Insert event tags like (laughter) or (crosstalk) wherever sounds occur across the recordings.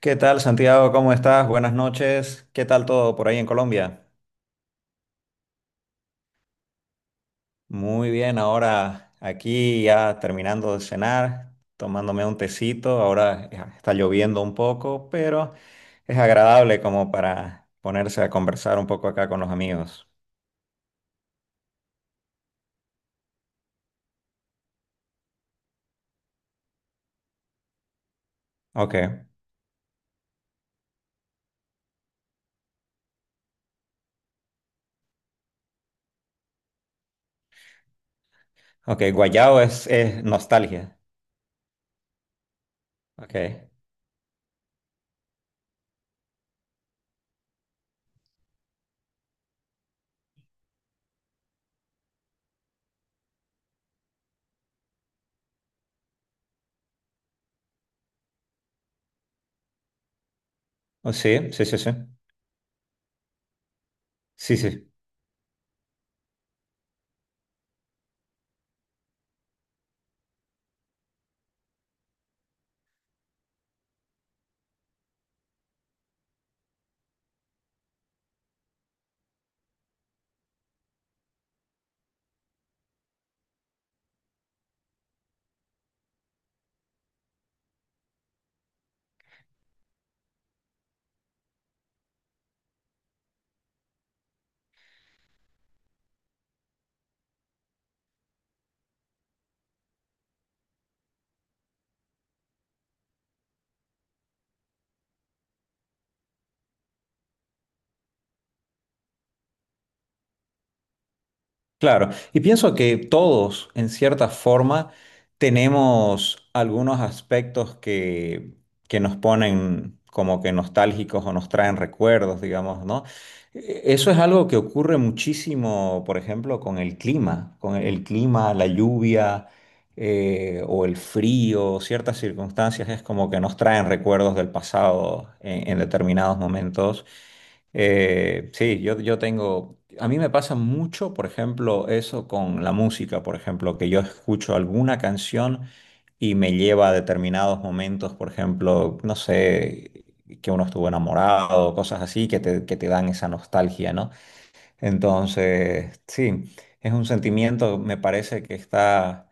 ¿Qué tal, Santiago? ¿Cómo estás? Buenas noches. ¿Qué tal todo por ahí en Colombia? Muy bien, ahora aquí ya terminando de cenar, tomándome un tecito. Ahora ya está lloviendo un poco, pero es agradable como para ponerse a conversar un poco acá con los amigos. Ok, ok, guayao es nostalgia. Ok. Oh, sí, sí, sí, sí. Sí, sí. Claro, y pienso que todos, en cierta forma, tenemos algunos aspectos que nos ponen como que nostálgicos o nos traen recuerdos, digamos, ¿no? Eso es algo que ocurre muchísimo, por ejemplo, con el clima, la lluvia o el frío, ciertas circunstancias es como que nos traen recuerdos del pasado en determinados momentos. Sí, yo tengo, a mí me pasa mucho, por ejemplo, eso con la música, por ejemplo, que yo escucho alguna canción y me lleva a determinados momentos, por ejemplo, no sé, que uno estuvo enamorado, cosas así que te dan esa nostalgia, ¿no? Entonces, sí, es un sentimiento, me parece que está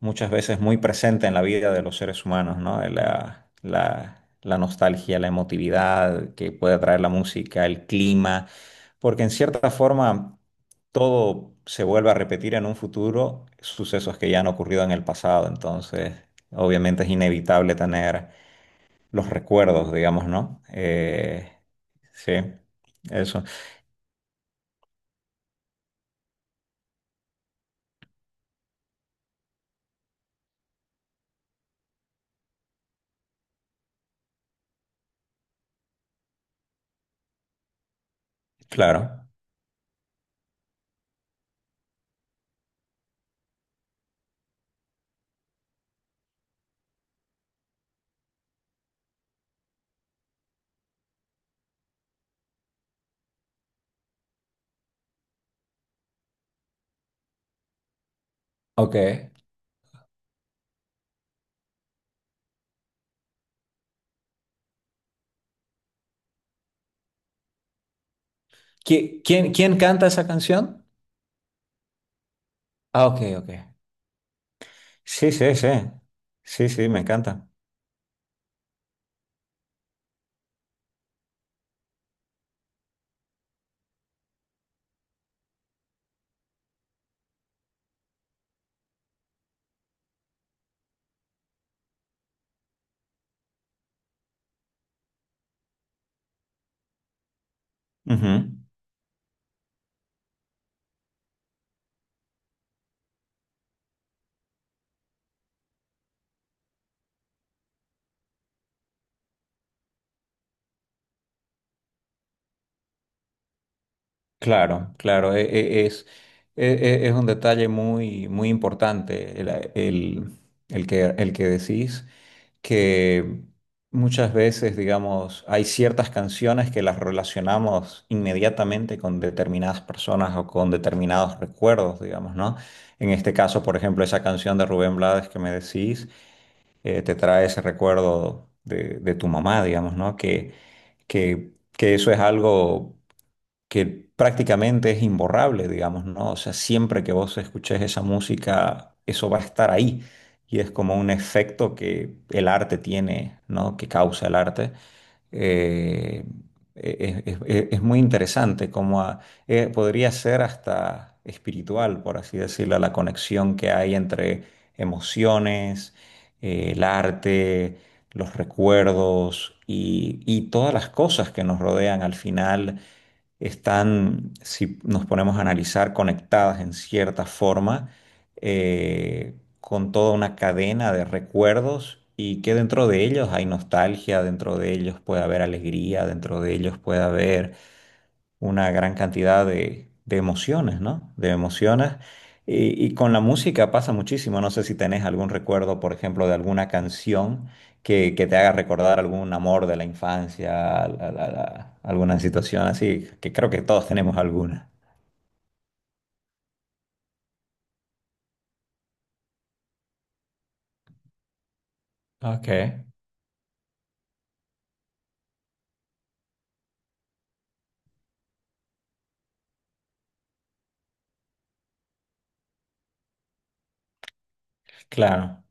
muchas veces muy presente en la vida de los seres humanos, ¿no? La nostalgia, la emotividad que puede traer la música, el clima, porque en cierta forma todo se vuelve a repetir en un futuro, sucesos que ya han ocurrido en el pasado, entonces obviamente es inevitable tener los recuerdos, digamos, ¿no? Sí, eso, claro. Ok. ¿Quién, quién canta esa canción? Ah, ok, ok. Sí, sí, sí. Sí, sí, me encanta. Ujú. Claro, claro, e- es un detalle muy, muy importante el- el que decís, que muchas veces, digamos, hay ciertas canciones que las relacionamos inmediatamente con determinadas personas o con determinados recuerdos, digamos, ¿no? En este caso, por ejemplo, esa canción de Rubén Blades que me decís. Te trae ese recuerdo de tu mamá, digamos, ¿no? Que eso es algo que prácticamente es imborrable, digamos, ¿no? O sea, siempre que vos escuches esa música, eso va a estar ahí. Y es como un efecto que el arte tiene, ¿no? Que causa el arte. Eh, e-, es muy interesante, podría ser hasta espiritual, por así decirlo, la conexión que hay entre emociones, el arte, los recuerdos y todas las cosas que nos rodean al final están, si nos ponemos a analizar, conectadas en cierta forma eh, con toda una cadena de recuerdos y que dentro de ellos hay nostalgia, dentro de ellos puede haber alegría, dentro de ellos puede haber una gran cantidad de emociones, ¿no? De emociones. Y con la música pasa muchísimo. No sé si tenés algún recuerdo, por ejemplo, de alguna canción que te haga recordar algún amor de la infancia, alguna situación así, que creo que todos tenemos alguna. Ok, claro.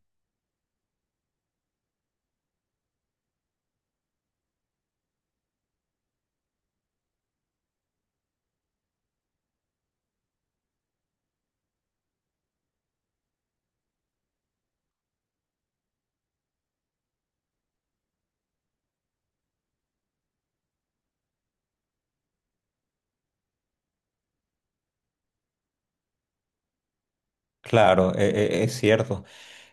Claro, es cierto.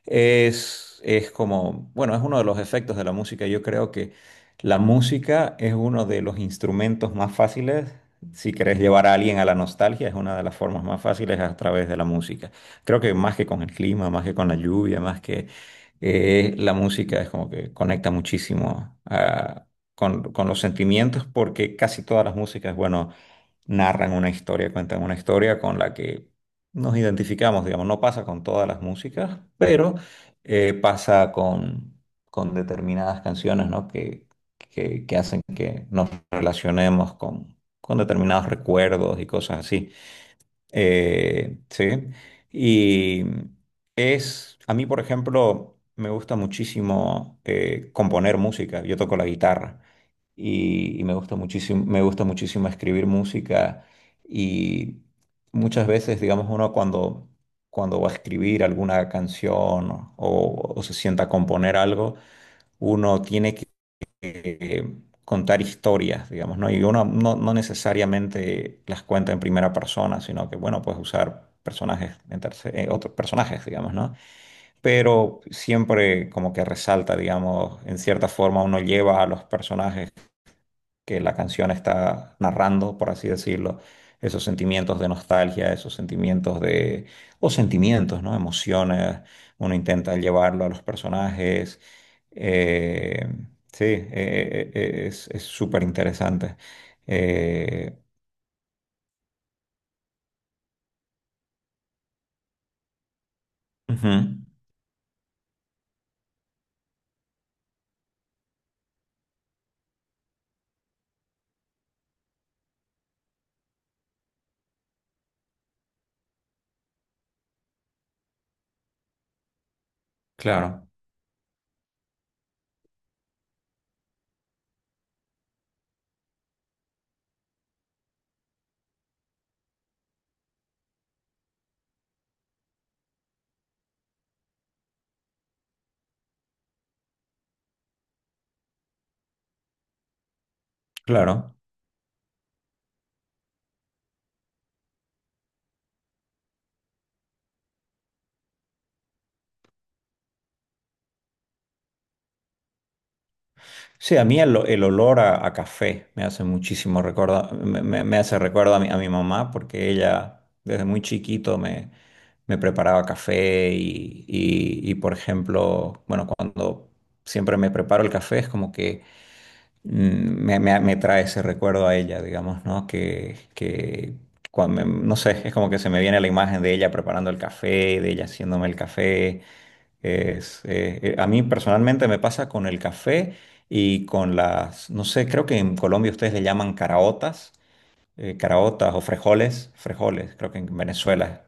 Es como, bueno, es uno de los efectos de la música. Yo creo que la música es uno de los instrumentos más fáciles. Si querés llevar a alguien a la nostalgia, es una de las formas más fáciles a través de la música. Creo que más que con el clima, más que con la lluvia, más que la música es como que conecta muchísimo ah, con los sentimientos porque casi todas las músicas, bueno narran una historia, cuentan una historia con la que nos identificamos, digamos, no pasa con todas las músicas, pero pasa con determinadas canciones, ¿no? Que hacen que nos relacionemos con determinados recuerdos y cosas así. Sí. Y es, a mí, por ejemplo, me gusta muchísimo componer música. Yo toco la guitarra y me gusta muchísimo escribir música. Y muchas veces, digamos, uno cuando, cuando va a escribir alguna canción o se sienta a componer algo, uno eh, contar historias, digamos, ¿no? Y uno no, no necesariamente las cuenta en primera persona, sino que, bueno, puedes usar personajes, otros personajes, digamos, ¿no? Pero siempre como que resalta, digamos, en cierta forma uno lleva a los personajes que la canción está narrando, por así decirlo, esos sentimientos de nostalgia, esos sentimientos de, o sentimientos, ¿no? Emociones, uno intenta llevarlo a los personajes. eh, sí, es súper interesante. Eh, Ujú, claro, claro. Sí, a mí el olor a café me hace muchísimo recuerdo, me hace recuerdo a mi mamá porque ella desde muy chiquito me preparaba café y, por ejemplo, bueno, cuando siempre me preparo el café es como que mm, me trae ese recuerdo a ella, digamos, ¿no? Que cuando no sé, es como que se me viene la imagen de ella preparando el café, de ella haciéndome el café. A mí personalmente me pasa con el café y con las, no sé, creo que en Colombia ustedes le llaman caraotas caraotas o frijoles, frijoles, creo que en Venezuela.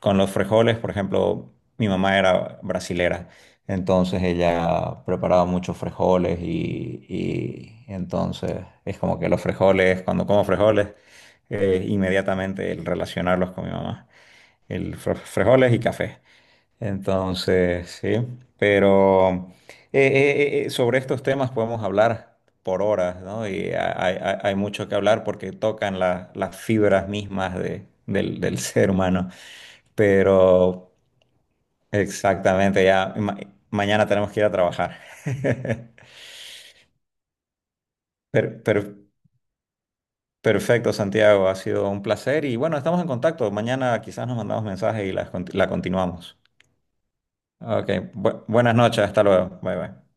Con los frijoles, por ejemplo, mi mamá era brasilera, entonces ella preparaba muchos frijoles y entonces es como que los frijoles, cuando como frijoles, inmediatamente el relacionarlos con mi mamá, el frijoles y café. Entonces, sí, pero sobre estos temas podemos hablar por horas, ¿no? Y hay, hay mucho que hablar porque tocan las fibras mismas del, del (laughs) ser humano. Pero exactamente, mañana tenemos que ir a trabajar. (laughs) Per- per- Perfecto, Santiago, ha sido un placer y bueno, estamos en contacto. Mañana quizás nos mandamos mensajes y las la continuamos. Ok, buenas noches, hasta luego. Bye bye.